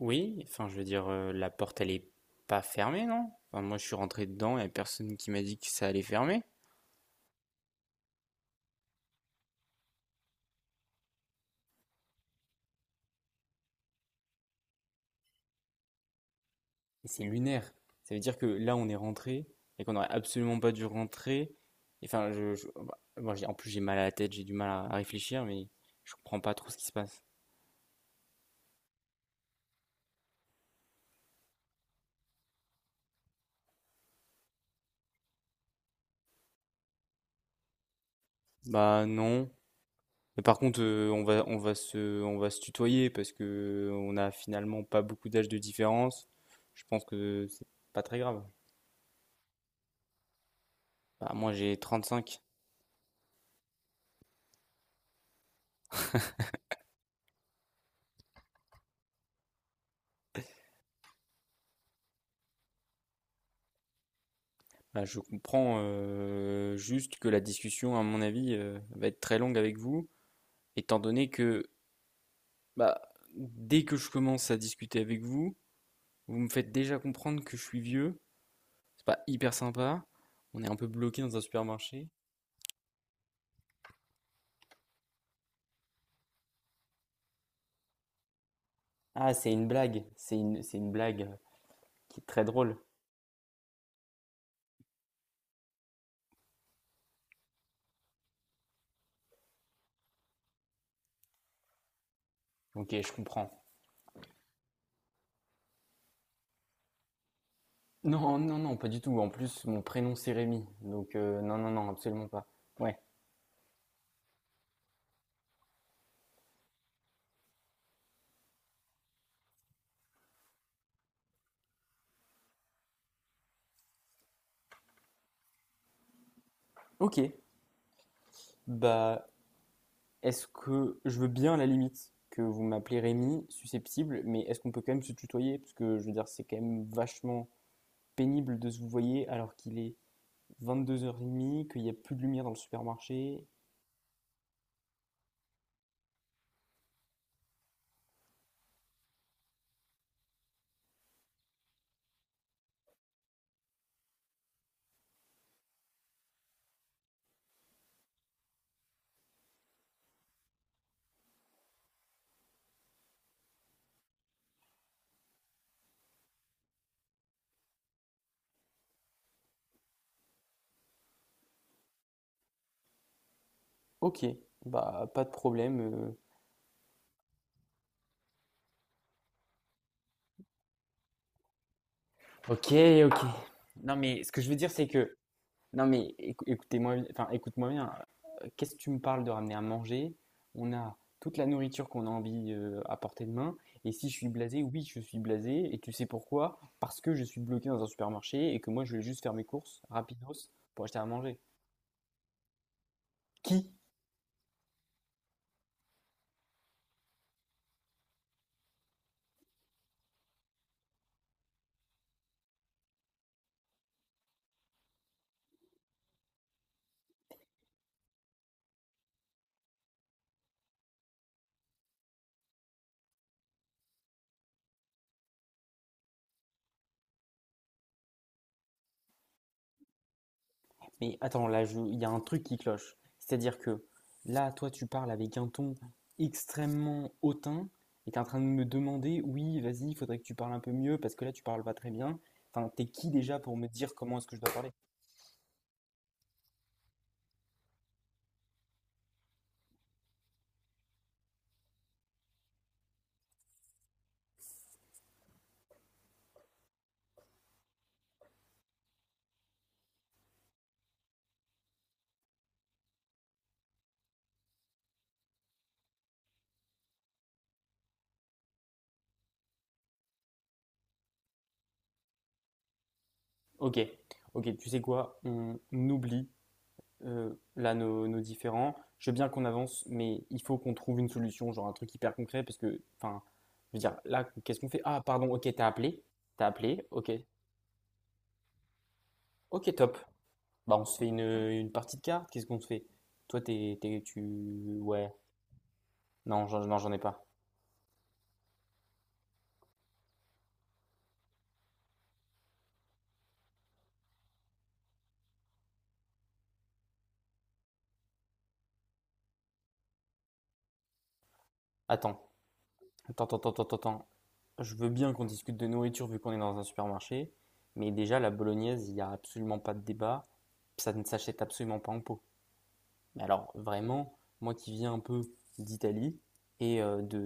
Oui, enfin, je veux dire, la porte, elle est pas fermée, non? Enfin, moi, je suis rentré dedans, il n'y a personne qui m'a dit que ça allait fermer. Et c'est lunaire. Ça veut dire que là, on est rentré et qu'on n'aurait absolument pas dû rentrer. Et enfin, moi, en plus, j'ai mal à la tête, j'ai du mal à réfléchir, mais je comprends pas trop ce qui se passe. Bah, non. Mais par contre, on va, on va se tutoyer parce que on a finalement pas beaucoup d'âge de différence. Je pense que c'est pas très grave. Bah, moi, j'ai 35. Ah, je comprends juste que la discussion, à mon avis, va être très longue avec vous, étant donné que bah, dès que je commence à discuter avec vous, vous me faites déjà comprendre que je suis vieux. C'est pas hyper sympa. On est un peu bloqué dans un supermarché. Ah, c'est une blague. C'est une blague qui est très drôle. Ok, je comprends. Non, non, non, pas du tout. En plus, mon prénom c'est Rémi. Donc, non, non, non, absolument pas. Ouais. Ok. Bah, est-ce que je veux bien à la limite que vous m'appelez Rémi, susceptible, mais est-ce qu'on peut quand même se tutoyer? Parce que je veux dire, c'est quand même vachement pénible de se vouvoyer alors qu'il est 22h30, qu'il n'y a plus de lumière dans le supermarché. Ok, bah pas de problème. Ok, ok. Non mais ce que je veux dire c'est que non, mais écoutez-moi, enfin, écoute-moi bien. Qu'est-ce que tu me parles de ramener à manger? On a toute la nourriture qu'on a envie à portée de main. Et si je suis blasé, oui, je suis blasé. Et tu sais pourquoi? Parce que je suis bloqué dans un supermarché et que moi, je vais juste faire mes courses rapidos pour acheter à manger. Qui? Mais attends, là, il y a un truc qui cloche. C'est-à-dire que là, toi, tu parles avec un ton extrêmement hautain et t'es en train de me demander, oui, vas-y, il faudrait que tu parles un peu mieux parce que là, tu parles pas très bien. Enfin, t'es qui déjà pour me dire comment est-ce que je dois parler? Ok, ok, tu sais quoi? On oublie là nos différends. Je veux bien qu'on avance, mais il faut qu'on trouve une solution, genre un truc hyper concret parce que, enfin, je veux dire, là, qu'est-ce qu'on fait? Ah, pardon, ok, t'as appelé. T'as appelé, ok. Ok, top. Bah, on se fait une partie de cartes, qu'est-ce qu'on se fait? Toi, tu... Ouais, non, non, j'en ai pas. Attends, attends. Je veux bien qu'on discute de nourriture vu qu'on est dans un supermarché, mais déjà, la bolognaise, il n'y a absolument pas de débat, ça ne s'achète absolument pas en pot. Mais alors, vraiment, moi qui viens un peu d'Italie, et de...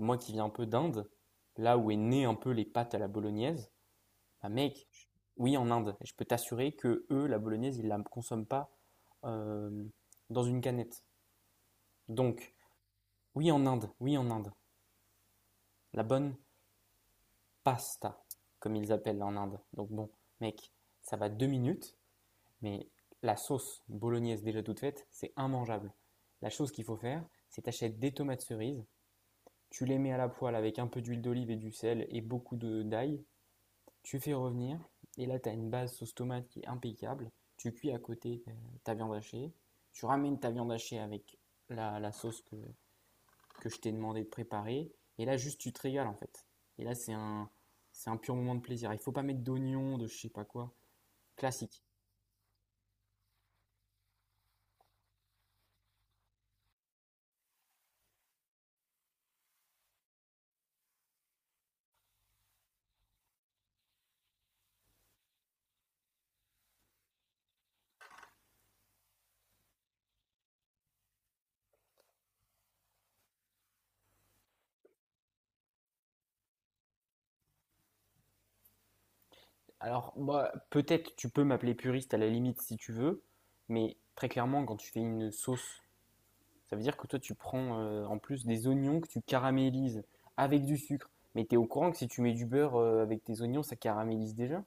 moi qui viens un peu d'Inde, là où est né un peu les pâtes à la bolognaise, bah mec, oui, en Inde, je peux t'assurer que eux, la bolognaise, ils la consomment pas euh, dans une canette. Donc, oui en Inde, la bonne pasta, comme ils appellent en Inde. Donc bon, mec, ça va 2 minutes, mais la sauce bolognaise déjà toute faite, c'est immangeable. La chose qu'il faut faire, c'est t'achètes des tomates cerises, tu les mets à la poêle avec un peu d'huile d'olive et du sel et beaucoup d'ail, tu fais revenir, et là tu as une base sauce tomate qui est impeccable, tu cuis à côté ta viande hachée, tu ramènes ta viande hachée avec la sauce que je t'ai demandé de préparer. Et là, juste, tu te régales, en fait. Et là, c'est un pur moment de plaisir. Il ne faut pas mettre d'oignons, de je ne sais pas quoi. Classique. Alors, moi, peut-être tu peux m'appeler puriste à la limite si tu veux, mais très clairement, quand tu fais une sauce, ça veut dire que toi, tu prends en plus des oignons que tu caramélises avec du sucre. Mais t'es au courant que si tu mets du beurre avec tes oignons, ça caramélise déjà?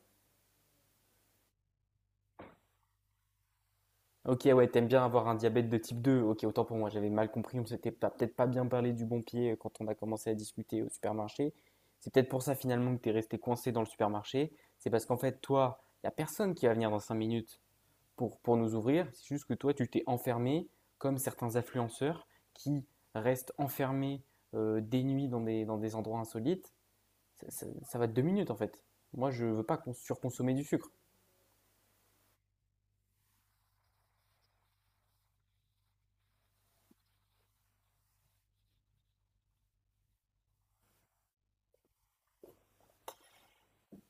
Ok, ouais, t'aimes bien avoir un diabète de type 2. Ok, autant pour moi, j'avais mal compris. On s'était pas- peut-être pas bien parlé du bon pied quand on a commencé à discuter au supermarché. C'est peut-être pour ça finalement que t'es resté coincé dans le supermarché. C'est parce qu'en fait, toi, y a personne qui va venir dans 5 minutes pour nous ouvrir. C'est juste que toi, tu t'es enfermé, comme certains influenceurs qui restent enfermés des nuits dans des endroits insolites. Ça va de deux minutes en fait. Moi, je veux pas qu'on surconsommer du sucre.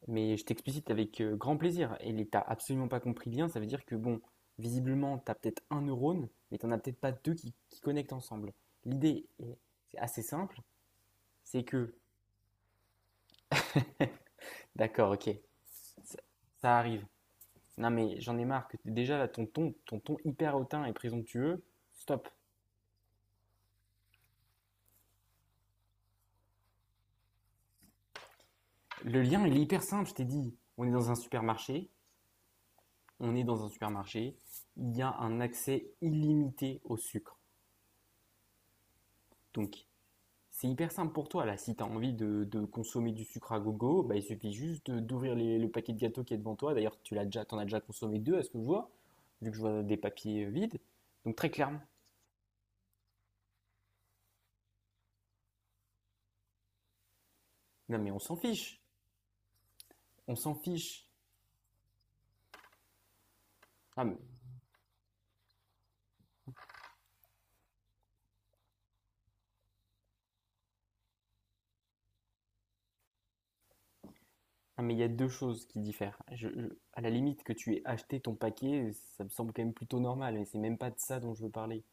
Mais je t'explicite avec grand plaisir. Et t'as absolument pas compris bien, ça veut dire que bon, visiblement, t'as peut-être un neurone, mais t'en as peut-être pas deux qui connectent ensemble. L'idée est c'est assez simple, c'est que. D'accord, ok, ça, ça arrive. Non mais j'en ai marre que déjà là, ton ton hyper hautain et présomptueux, stop. Le lien, il est hyper simple, je t'ai dit. On est dans un supermarché, il y a un accès illimité au sucre. Donc, c'est hyper simple pour toi, là. Si tu as envie de consommer du sucre à gogo, bah, il suffit juste d'ouvrir le paquet de gâteaux qui est devant toi. D'ailleurs, tu l'as déjà, t'en as déjà consommé deux, à ce que je vois, vu que je vois des papiers vides. Donc, très clairement. Non, mais on s'en fiche. On s'en fiche. Ah, mais Ah, mais il y a deux choses qui diffèrent. À la limite que tu aies acheté ton paquet, ça me semble quand même plutôt normal, mais c'est même pas de ça dont je veux parler.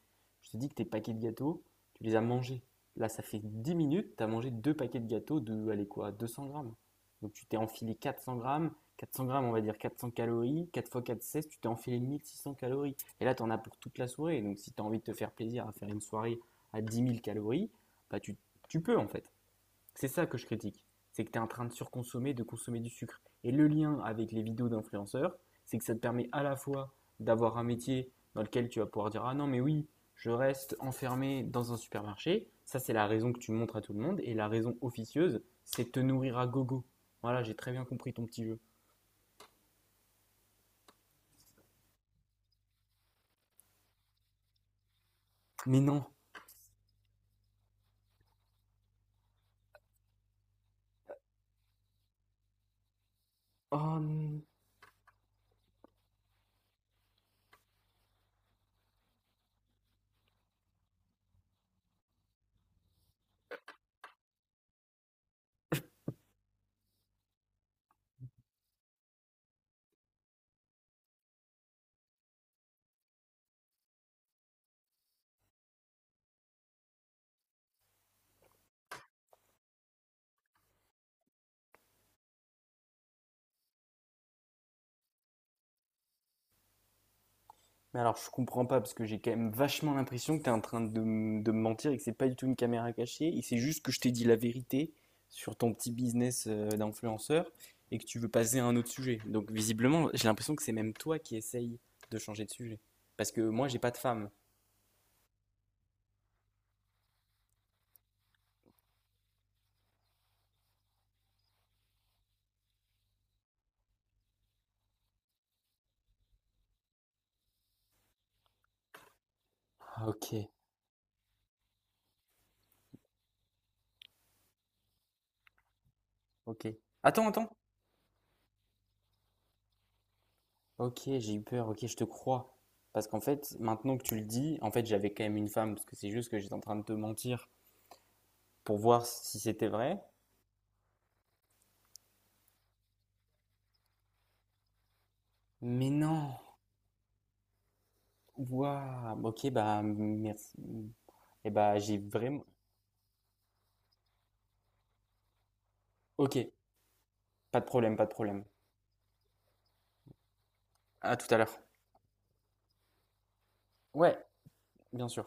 Je te dis que tes paquets de gâteaux, tu les as mangés. Là, ça fait 10 minutes, tu as mangé deux paquets de gâteaux de, allez quoi, 200 grammes. Donc tu t'es enfilé 400 grammes, on va dire 400 calories, 4 fois 4 16, tu t'es enfilé 1 600 calories. Et là, tu en as pour toute la soirée. Donc si tu as envie de te faire plaisir à faire une soirée à 10 000 calories, bah tu peux en fait. C'est ça que je critique. C'est que tu es en train de surconsommer, de consommer du sucre. Et le lien avec les vidéos d'influenceurs, c'est que ça te permet à la fois d'avoir un métier dans lequel tu vas pouvoir dire ah non, mais oui, je reste enfermé dans un supermarché. Ça, c'est la raison que tu montres à tout le monde. Et la raison officieuse, c'est de te nourrir à gogo. Voilà, j'ai très bien compris ton petit jeu. Mais non. Oh non. Mais alors, je comprends pas parce que j'ai quand même vachement l'impression que tu es en train de, de me mentir et que c'est pas du tout une caméra cachée et c'est juste que je t'ai dit la vérité sur ton petit business d'influenceur et que tu veux passer à un autre sujet. Donc, visiblement, j'ai l'impression que c'est même toi qui essaye de changer de sujet parce que moi, j'ai pas de femme. Ah, ok, ok. Attends, attends. Ok, j'ai eu peur. Ok, je te crois parce qu'en fait, maintenant que tu le dis, en fait, j'avais quand même une femme parce que c'est juste que j'étais en train de te mentir pour voir si c'était vrai. Mais non. Waouh! Ok, bah, merci. Et bah, j'ai vraiment ok, pas de problème, pas de problème. À tout à l'heure. Ouais, bien sûr.